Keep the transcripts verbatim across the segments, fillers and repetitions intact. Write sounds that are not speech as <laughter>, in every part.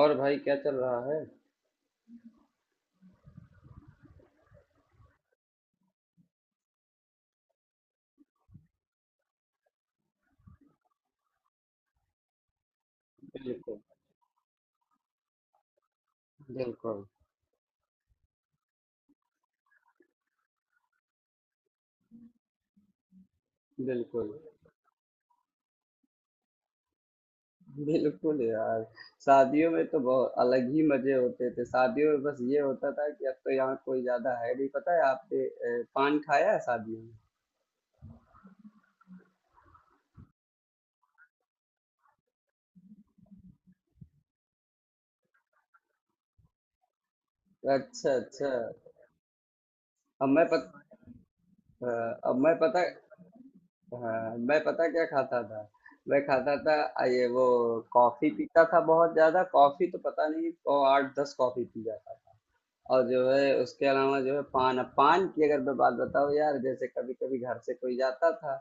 और भाई क्या चल रहा है? बिल्कुल। बिल्कुल। बिल्कुल। बिल्कुल यार। शादियों में तो बहुत अलग ही मजे होते थे। शादियों में बस ये होता था कि अब तो यहाँ कोई ज्यादा है नहीं। पता है आपने अ, पान खाया है शादियों में? अच्छा, अच्छा। अब मैं पत, अ, अब मैं पता हाँ, मैं पता क्या खाता था, मैं खाता था अ, ये वो कॉफी पीता था। बहुत ज्यादा कॉफी तो पता नहीं, और आठ दस कॉफी पी जाता। और जो है उसके अलावा जो है पान, अब पान की अगर मैं बात बताऊँ यार, जैसे कभी कभी घर से कोई जाता था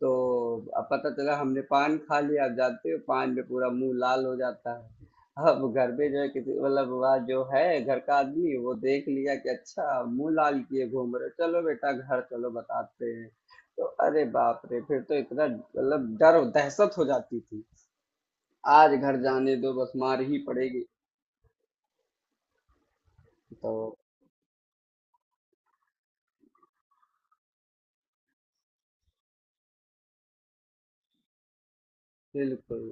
तो अब पता चला हमने पान खा लिया। आप जानते हो पान में पूरा मुंह लाल हो जाता है। अब घर में जो है किसी, मतलब वह जो है घर का आदमी वो देख लिया कि अच्छा मुंह लाल किए घूम रहे हो, चलो बेटा घर चलो बताते हैं। तो अरे बाप रे, फिर तो इतना मतलब डर दहशत हो जाती थी आज घर जाने दो, बस मार ही पड़ेगी। तो बिल्कुल,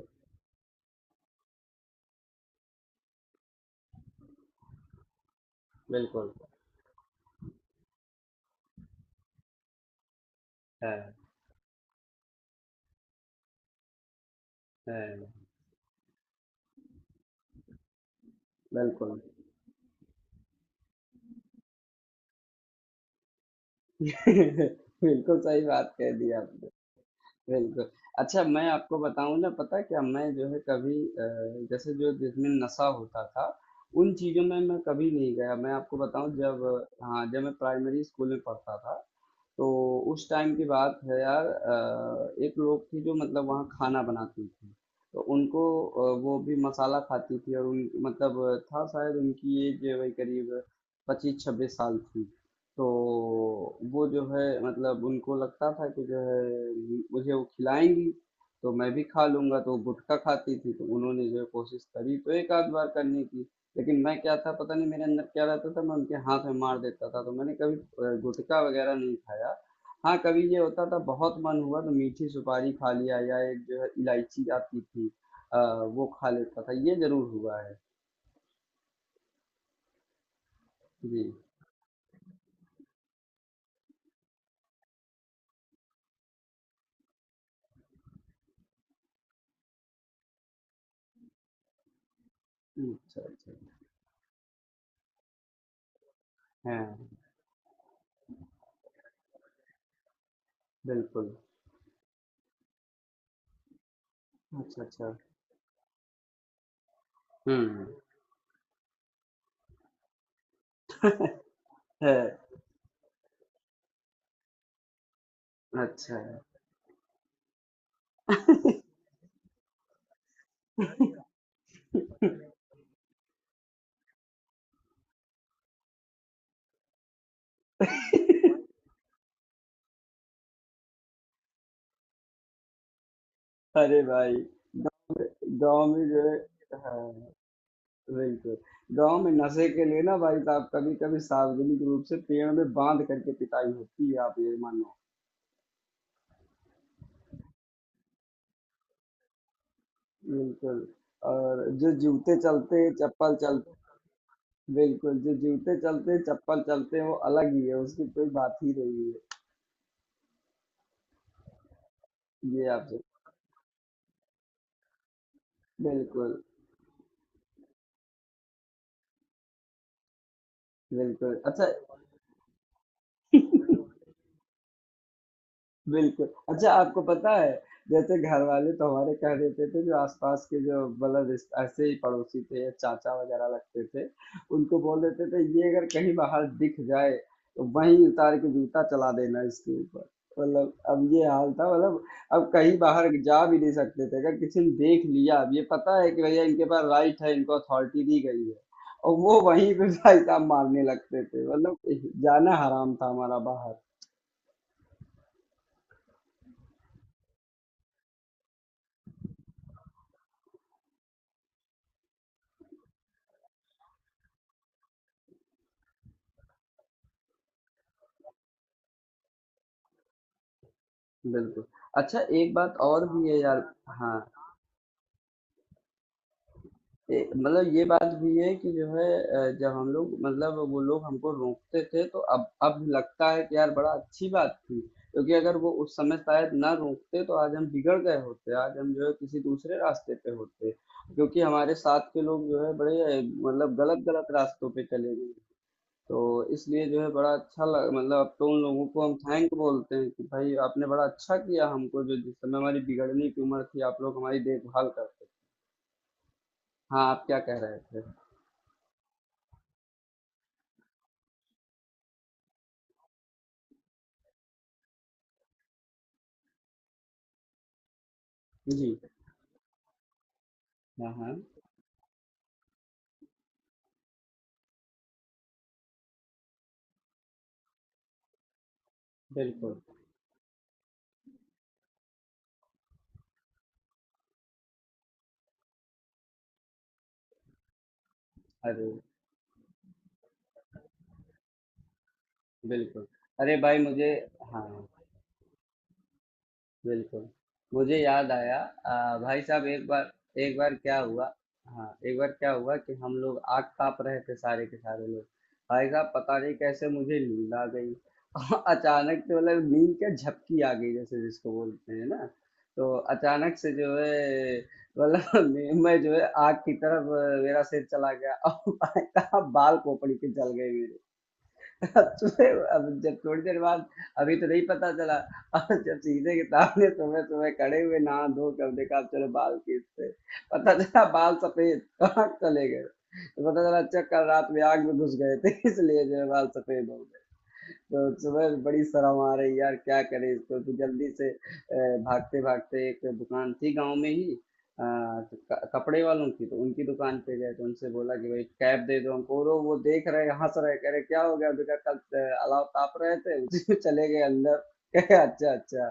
बिल्कुल है है, बिल्कुल। <laughs> बिल्कुल सही बात कह दी आपने। बिल्कुल। अच्छा, मैं आपको बताऊँ ना, पता है क्या, मैं जो है कभी अ, जैसे जो जिसमें नशा होता था, उन चीज़ों में मैं कभी नहीं गया। मैं आपको बताऊँ, जब हाँ, जब मैं प्राइमरी स्कूल में पढ़ता था तो उस टाइम की बात है यार, अ, एक लोग थी जो मतलब वहाँ खाना बनाती थी, तो उनको अ, वो भी मसाला खाती थी, और उन मतलब था शायद उनकी एज वही करीब पच्चीस छब्बीस साल थी। तो वो जो है मतलब उनको लगता था कि जो है मुझे वो खिलाएंगी तो मैं भी खा लूंगा। तो वो गुटखा खाती थी, तो उन्होंने जो है कोशिश करी तो एक आध बार करने की, लेकिन मैं क्या था पता नहीं, मेरे अंदर क्या रहता था, मैं उनके हाथ में मार देता था। तो मैंने कभी अ, गुटखा वगैरह नहीं खाया। हाँ कभी ये होता था, बहुत मन हुआ तो मीठी सुपारी खा लिया, या एक जो है इलायची आती थी, अ, वो खा लेता था, ये जरूर हुआ है। जी। हम्म, अच्छा, अच्छा। हाँ, बिल्कुल। अच्छा, अच्छा। हम्म। है। अच्छा। अरे भाई, गांव में जो है, हाँ, बिल्कुल। गाँव में नशे के लिए ना भाई साहब, कभी-कभी सार्वजनिक रूप से पेड़ में बाँध करके पिटाई होती है, आप ये मानो। बिल्कुल। और जो जूते चलते, चप्पल चल, बिल्कुल, जो जूते चलते, चप्पल चलते, वो अलग ही है, उसकी कोई बात ही नहीं है। ये आपसे, बिल्कुल, बिल्कुल। अच्छा, बिल्कुल। अच्छा, आपको पता है, जैसे घरवाले तो हमारे कह देते थे, जो आस-पास के जो मतलब रिस ऐसे ही पड़ोसी थे, या चाचा वगैरह लगते थे, उनको बोल देते थे ये अगर कहीं बाहर दिख जाए, तो वहीं उतार के जूता चला देना इसके ऊपर। मतलब अब ये हाल था, मतलब अब कहीं बाहर जा भी नहीं सकते थे। अगर किसी ने देख लिया, अब ये पता है कि भैया इनके पास राइट है, इनको अथॉरिटी दी गई है, और वो वहीं पे <laughs> भाई साहब मारने लगते थे। मतलब जाना हराम था हमारा बाहर। बिल्कुल। अच्छा एक बात और भी है यार, हाँ, ए, मतलब ये बात भी है कि जो है अ, जब हम लोग, मतलब वो लोग हमको रोकते थे तो अब अब लगता है कि यार बड़ा अच्छी बात थी। क्योंकि अगर वो उस समय शायद ना रोकते तो आज हम बिगड़ गए होते, आज हम जो है किसी दूसरे रास्ते पे होते। क्योंकि हमारे साथ के लोग जो है बड़े अ, मतलब गलत गलत रास्तों पे चले गए। तो इसलिए जो है बड़ा अच्छा लग, मतलब अब तो उन लोगों को हम थैंक बोलते हैं कि भाई आपने बड़ा अच्छा किया, हमको जो जिस समय हमारी बिगड़ने की उम्र थी, आप लोग हमारी देखभाल करते थे। हाँ, आप क्या कह रहे थे? जी। हाँ, हाँ, बिल्कुल। अरे बिल्कुल, अरे भाई मुझे, हाँ, बिल्कुल। मुझे याद आया, अ, भाई साहब एक बार, एक बार क्या हुआ, हाँ एक बार क्या हुआ कि हम लोग आग ताप रहे थे सारे के सारे लोग, भाई साहब पता नहीं कैसे मुझे नींद आ गई। <laughs> और अचानक से, मतलब नींद क्या झपकी आ गई जैसे, जिसको बोलते हैं ना। तो अचानक से जो है मतलब <laughs> मैं मैं जो है आग की तरफ, अ, मेरा सिर चला गया <laughs> और भाई साहब बाल खोपड़ी पे जल गए। सुबह अब जब थोड़ी देर बाद, अभी तो नहीं पता चला, और जब सीधे के सामने सुबह सुबह खड़े हुए नहा धो कर देखा, चलो बाल खींचते पता चला बाल सफेद कहाँ चले गए। तो पता चला अच्छा कल रात में आग में घुस गए थे इसलिए जो है बाल सफेद हो गए। तो सुबह से बड़ी शर्म आ रही है यार, क्या करें इसको। तो जल्दी से अ, भागते भागते एक दुकान थी गांव में ही, अ, तो क- कपड़े वालों की, तो उनकी दुकान पे गए तो उनसे बोला कि भाई कैप दे दो हमको। और वो देख रहे, हंस रहे, कह रहे क्या हो गया बेटा, कल अ, अलाव ताप रहे थे उसी में चले गए अंदर? <laughs> कहे अच्छा, अच्छा।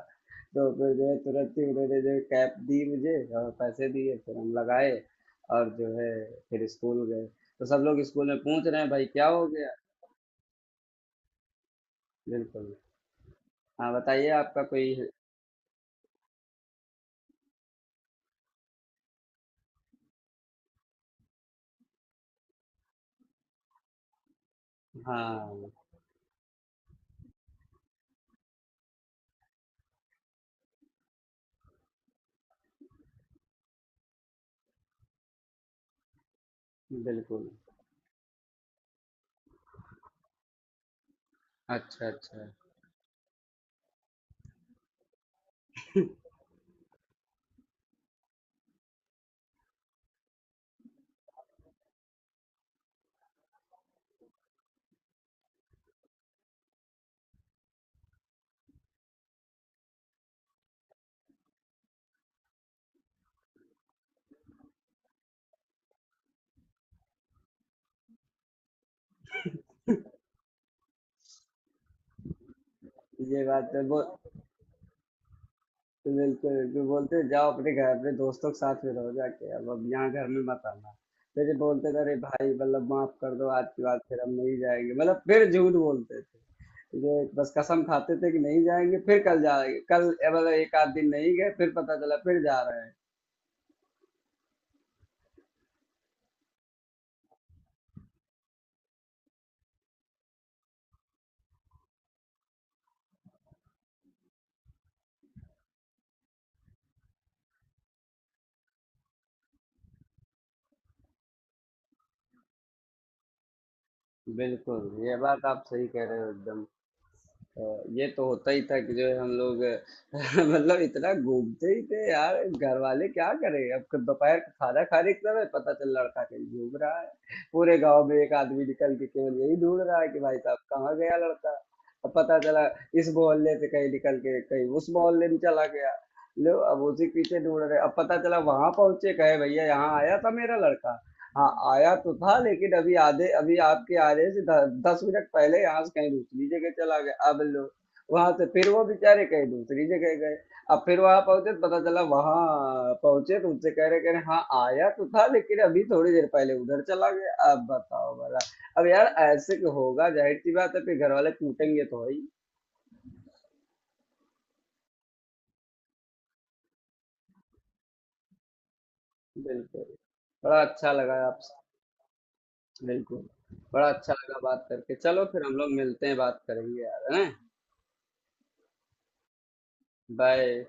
तो फिर जो है तुरंत ही उन्होंने जो है कैप दी मुझे, और पैसे दिए फिर हम लगाए, और जो है फिर स्कूल गए। तो सब लोग स्कूल में पूछ रहे हैं भाई क्या हो गया। बिल्कुल। हाँ, बताइए आपका कोई। हाँ, बिल्कुल। अच्छा, अच्छा। ये बात है वो। बिल्कुल, बिल्कुल, बोलते हैं, जाओ अपने घर, अपने दोस्तों के साथ में रहो जाके, अब अब यहाँ घर में मत आना। फिर ये बोलते थे अरे भाई मतलब माफ कर दो आज की बात, फिर हम नहीं जाएंगे, मतलब फिर झूठ बोलते थे, जो बस कसम खाते थे कि नहीं जाएंगे, फिर कल जाएंगे कल, ए, मतलब एक आध दिन नहीं गए, फिर पता चला फिर जा रहे हैं। बिल्कुल, ये बात आप सही कह रहे हो एकदम। ये तो होता ही था कि जो है हम लोग <laughs> मतलब इतना घूमते ही थे यार, घर वाले क्या करें। अब क- दोपहर का खाना खाने की समय पता चल लड़का कहीं घूम रहा है, पूरे गांव में एक आदमी निकल के केवल यही ढूंढ रहा है कि भाई साहब कहाँ गया लड़का। अब पता चला इस मोहल्ले से कहीं निकल के कहीं उस मोहल्ले में चला गया। लो, अब उसी के पीछे ढूंढ रहे, अब पता चला वहां पहुंचे, कहे भैया यहाँ आया था मेरा लड़का? हाँ आया तो था लेकिन अभी आधे, अभी आपके आने से द, दस मिनट पहले यहाँ से कहीं दूसरी जगह चला गया। अब लो, वहां से फिर वो बेचारे कहीं दूसरी जगह गए, अब फिर वहां पहुंचे तो पता चला, वहां पहुंचे तो उनसे कह रहे, कह रहे हाँ आया तो था लेकिन अभी थोड़ी देर पहले उधर चला गया। अब बताओ भला, अब यार ऐसे क्यों होगा, जाहिर सी बात है फिर घर वाले कूटेंगे तो है ही। बिल्कुल। बड़ा अच्छा लगा आपसे। बिल्कुल, बड़ा अच्छा लगा बात करके। चलो फिर हम लोग मिलते हैं, बात करेंगे यार, है ना? बाय।